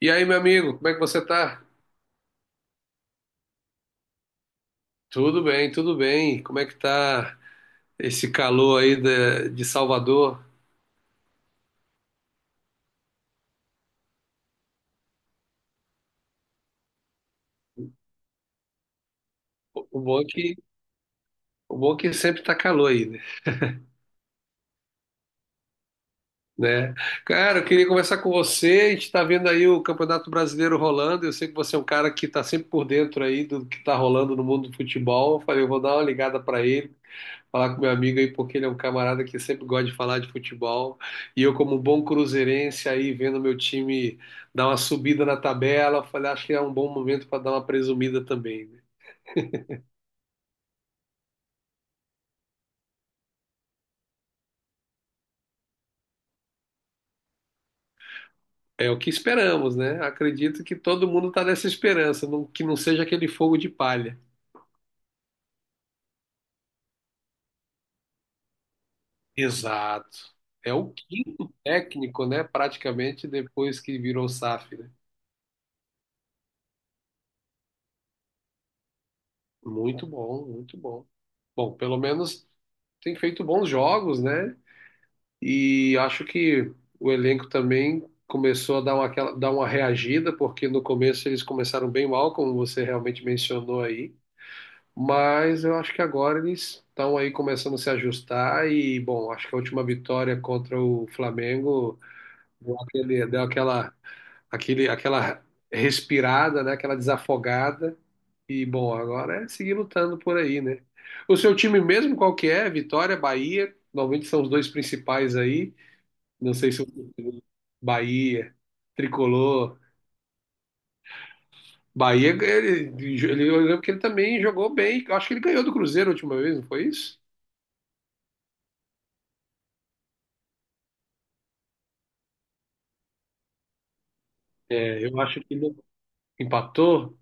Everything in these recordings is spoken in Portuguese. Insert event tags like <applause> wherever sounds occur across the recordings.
E aí, meu amigo, como é que você tá? Tudo bem, tudo bem. Como é que tá esse calor aí de Salvador? O bom é que, o bom é que sempre tá calor aí, né? Cara, eu queria conversar com você. A gente tá vendo aí o Campeonato Brasileiro rolando. Eu sei que você é um cara que tá sempre por dentro aí do que tá rolando no mundo do futebol. Eu falei, eu vou dar uma ligada pra ele, falar com meu amigo aí, porque ele é um camarada que sempre gosta de falar de futebol. E eu, como bom cruzeirense, aí vendo meu time dar uma subida na tabela, eu falei, acho que é um bom momento para dar uma presumida também, né? É o que esperamos, né? Acredito que todo mundo está nessa esperança, não- que não seja aquele fogo de palha. Exato. É o quinto técnico, né? Praticamente depois que virou SAF, né? Muito bom, muito bom. Bom, pelo menos tem feito bons jogos, né? E acho que o elenco também começou a dar uma, aquela- dar uma reagida, porque no começo eles começaram bem mal, como você realmente mencionou aí. Mas eu acho que agora eles estão aí começando a se ajustar e, bom, acho que a última vitória contra o Flamengo deu aquele, deu aquela, aquele, aquela respirada, né? Aquela desafogada. E, bom, agora é seguir lutando por aí, né? O seu time mesmo, qual que é? Vitória, Bahia, normalmente são os dois principais aí. Não sei se o Bahia, Tricolor. Bahia, ele, eu lembro que ele também jogou bem. Eu acho que ele ganhou do Cruzeiro a última vez, não foi isso? É, eu acho que ele empatou.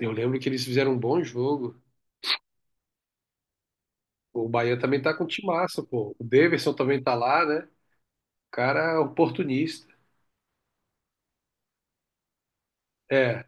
Eu lembro que eles fizeram um bom jogo. O Bahia também tá com um timaço, pô. O Daverson também tá lá, né? O cara é oportunista. É.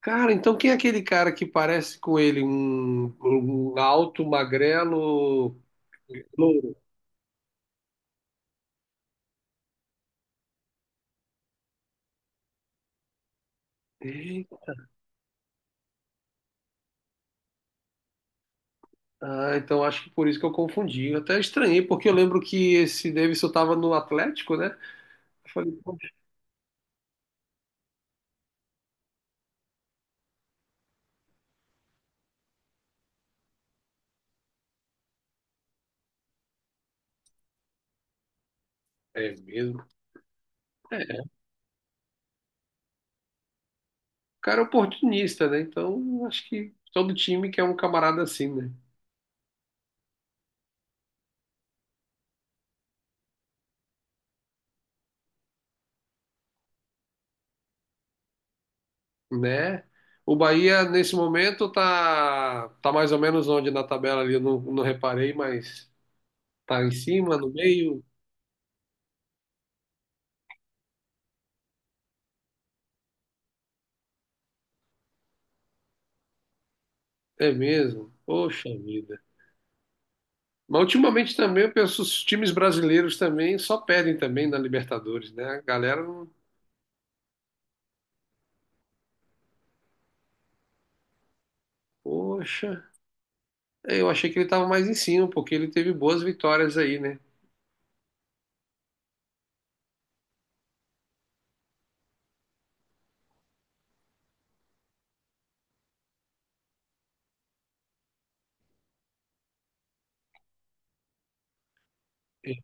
Cara, então quem é aquele cara que parece com ele? Um alto, magrelo, louro? É, ah, então acho que por isso que eu confundi. Eu até estranhei, porque eu lembro que esse Davidson estava no Atlético, né? Eu falei, poxa, é mesmo. É, o cara é oportunista, né? Então acho que todo time quer um camarada assim, né? Né? O Bahia, nesse momento, tá mais ou menos onde na tabela ali, eu não reparei, mas tá em cima, no meio. É mesmo. Poxa vida. Mas ultimamente também eu penso, os times brasileiros também só perdem também na Libertadores, né? A galera, não- poxa. É, eu achei que ele estava mais em cima, porque ele teve boas vitórias aí, né? Ele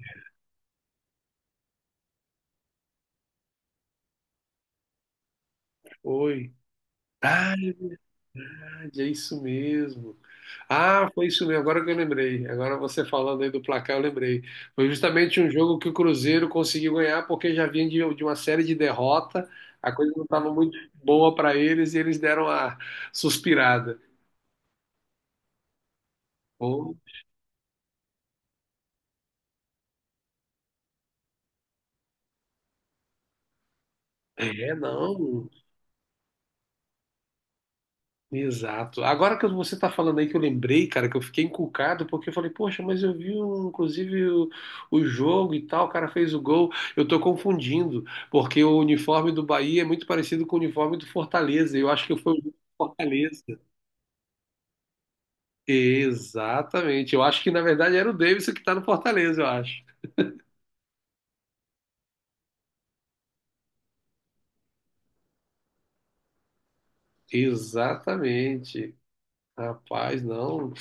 foi. Verdade, é isso mesmo. Ah, foi isso mesmo. Agora que eu lembrei. Agora você falando aí do placar, eu lembrei. Foi justamente um jogo que o Cruzeiro conseguiu ganhar, porque já vinha de uma série de derrota. A coisa não estava muito boa para eles e eles deram a suspirada. Pô, é, não. Exato. Agora que você está falando aí que eu lembrei, cara, que eu fiquei encucado, porque eu falei, poxa, mas eu vi um, inclusive o jogo e tal, o cara fez o gol. Eu tô confundindo, porque o uniforme do Bahia é muito parecido com o uniforme do Fortaleza. Eu acho que foi o jogo do Fortaleza. Exatamente. Eu acho que na verdade era o Davidson que tá no Fortaleza, eu acho. Exatamente. Rapaz, não.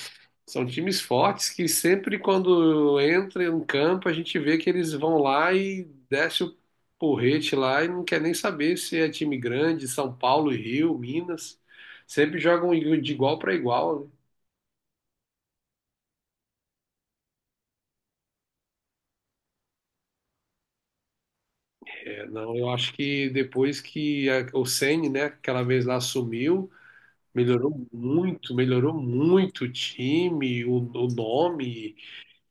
São times fortes que sempre quando entra em campo a gente vê que eles vão lá e desce o porrete lá e não quer nem saber se é time grande, São Paulo, Rio, Minas. Sempre jogam de igual para igual, né? É, não, eu acho que depois que a- o Ceni, né, aquela vez lá sumiu, melhorou muito o time, o nome,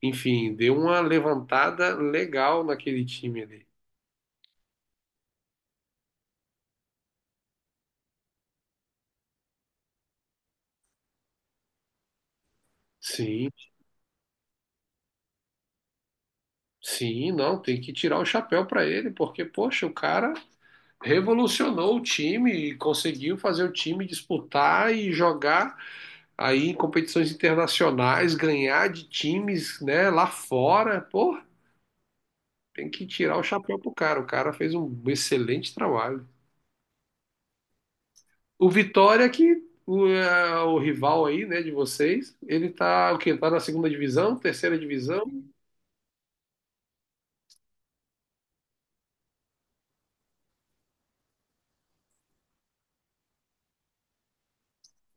enfim, deu uma levantada legal naquele time ali. Sim. Sim, não, tem que tirar o chapéu para ele, porque, poxa, o cara revolucionou o time e conseguiu fazer o time disputar e jogar aí em competições internacionais, ganhar de times, né, lá fora. Pô, tem que tirar o chapéu pro cara. O cara fez um excelente trabalho. O Vitória, que o, é, o rival aí, né, de vocês, ele tá o quê? Tá na segunda divisão, terceira divisão?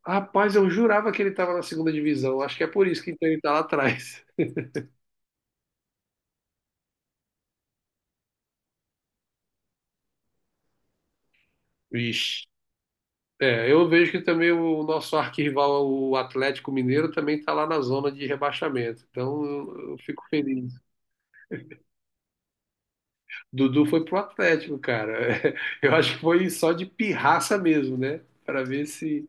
Rapaz, eu jurava que ele tava na segunda divisão. Acho que é por isso que então ele tá lá atrás. Vixe. É, eu vejo que também o nosso arquirrival, o Atlético Mineiro, também está lá na zona de rebaixamento. Então eu fico feliz. Dudu foi pro Atlético, cara. <laughs> Eu acho que foi só de pirraça mesmo, né? Para ver se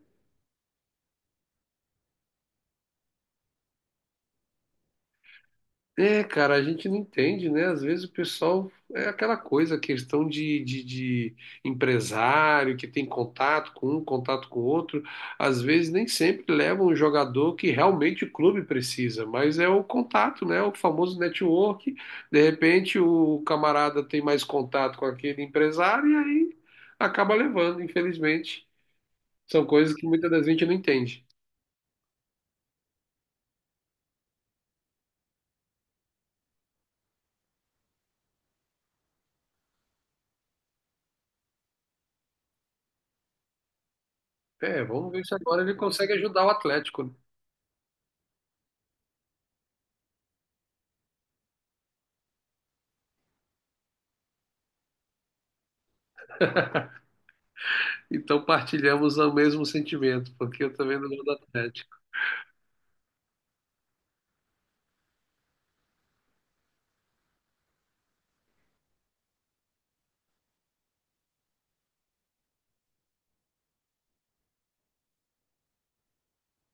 é, cara, a gente não entende, né? Às vezes o pessoal é aquela coisa, questão de empresário que tem contato com um, contato com outro. Às vezes nem sempre leva um jogador que realmente o clube precisa, mas é o contato, né? O famoso network. De repente o camarada tem mais contato com aquele empresário e aí acaba levando, infelizmente. São coisas que muitas das vezes a gente não entende. É, vamos ver se agora ele consegue ajudar o Atlético, né? Então partilhamos o mesmo sentimento, porque eu também não sou do Atlético.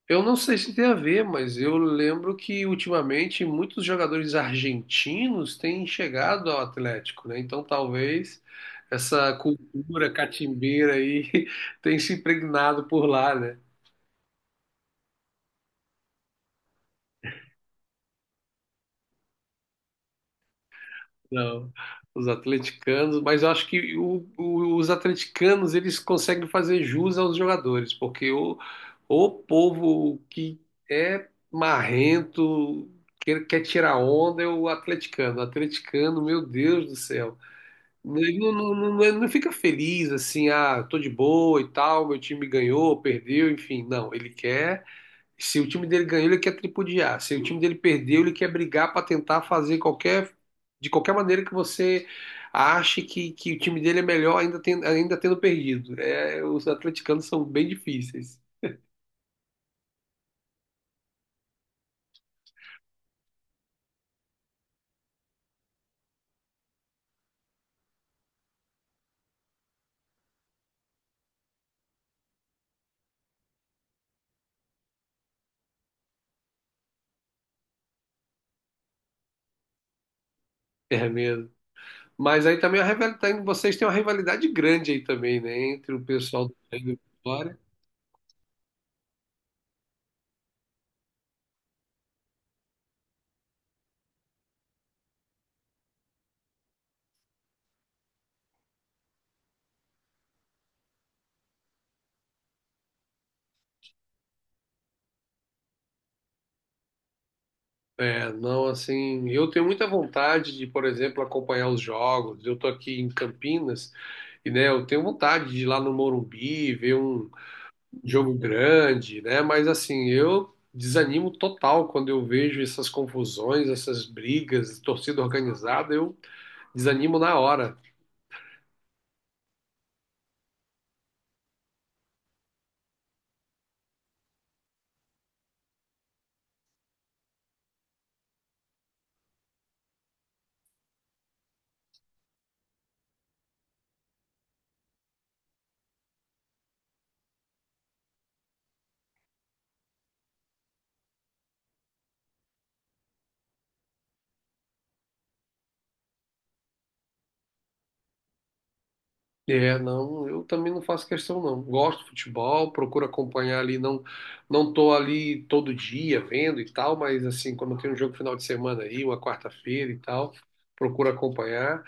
Eu não sei se tem a ver, mas eu lembro que ultimamente muitos jogadores argentinos têm chegado ao Atlético, né? Então talvez essa cultura catimbeira aí <laughs> tenha se impregnado por lá, né? Não, os atleticanos, mas eu acho que o- os atleticanos eles conseguem fazer jus aos jogadores, porque o povo que é marrento, que quer tirar onda, é o atleticano. O atleticano, meu Deus do céu, ele não fica feliz assim, ah, tô de boa e tal, meu time ganhou, perdeu, enfim, não, ele quer. Se o time dele ganhou, ele quer tripudiar. Se o time dele perdeu, ele quer brigar para tentar fazer qualquer de qualquer maneira que você ache que o time dele é melhor ainda, ten- ainda tendo perdido. É, os atleticanos são bem difíceis. <laughs> É mesmo. Mas aí também a rivalidade, vocês têm uma rivalidade grande aí também, né? Entre o pessoal do Bahia e do Vitória. É, não, assim, eu tenho muita vontade de, por exemplo, acompanhar os jogos. Eu tô aqui em Campinas e, né, eu tenho vontade de ir lá no Morumbi, ver um jogo grande, né? Mas assim, eu desanimo total quando eu vejo essas confusões, essas brigas, torcida organizada, eu desanimo na hora. É, não, eu também não faço questão não. Gosto de futebol, procuro acompanhar ali, não tô ali todo dia vendo e tal, mas assim, quando tem um jogo final de semana aí, uma quarta-feira e tal, procuro acompanhar.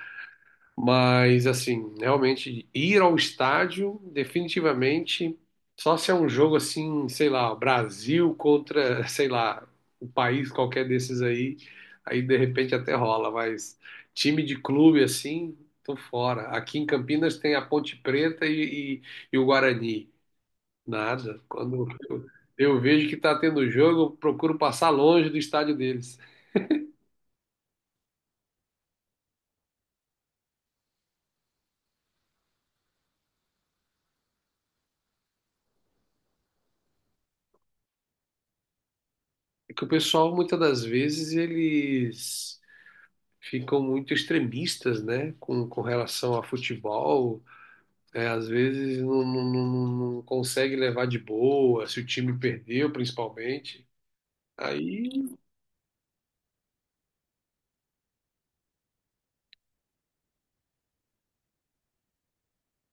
Mas, assim, realmente ir ao estádio, definitivamente, só se é um jogo assim, sei lá, Brasil contra, <laughs> sei lá, o país qualquer desses aí, aí de repente até rola, mas time de clube assim, tô fora. Aqui em Campinas tem a Ponte Preta e e o Guarani. Nada. Quando eu vejo que tá tendo jogo, eu procuro passar longe do estádio deles. É que o pessoal, muitas das vezes, eles ficam muito extremistas, né, com relação a futebol. É, às vezes não consegue levar de boa, se o time perdeu, principalmente. Aí,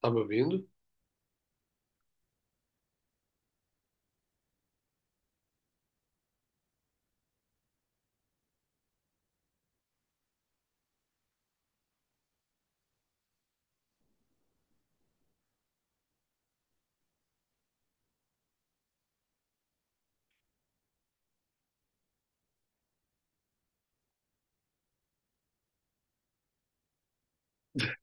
tá me ouvindo? <laughs>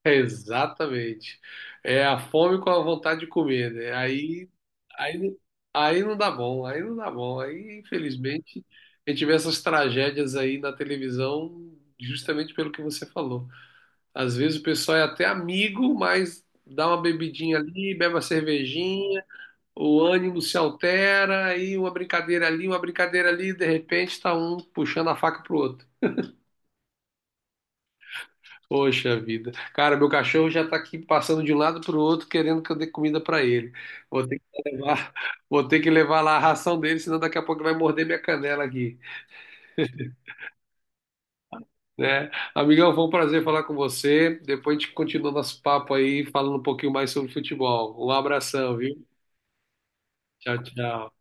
É, exatamente. É a fome com a vontade de comer, né? Aí, aí não dá bom, aí não dá bom. Aí, infelizmente, a gente vê essas tragédias aí na televisão justamente pelo que você falou. Às vezes o pessoal é até amigo, mas dá uma bebidinha ali, bebe uma cervejinha, o ânimo se altera, aí uma brincadeira ali, de repente tá um puxando a faca pro outro. Poxa vida. Cara, meu cachorro já tá aqui passando de um lado pro outro, querendo que eu dê comida pra ele. Vou ter que levar, vou ter que levar lá a ração dele, senão daqui a pouco ele vai morder minha canela aqui, né? Amigão, foi um prazer falar com você. Depois a gente continua nosso papo aí, falando um pouquinho mais sobre futebol. Um abração, viu? Tchau, tchau.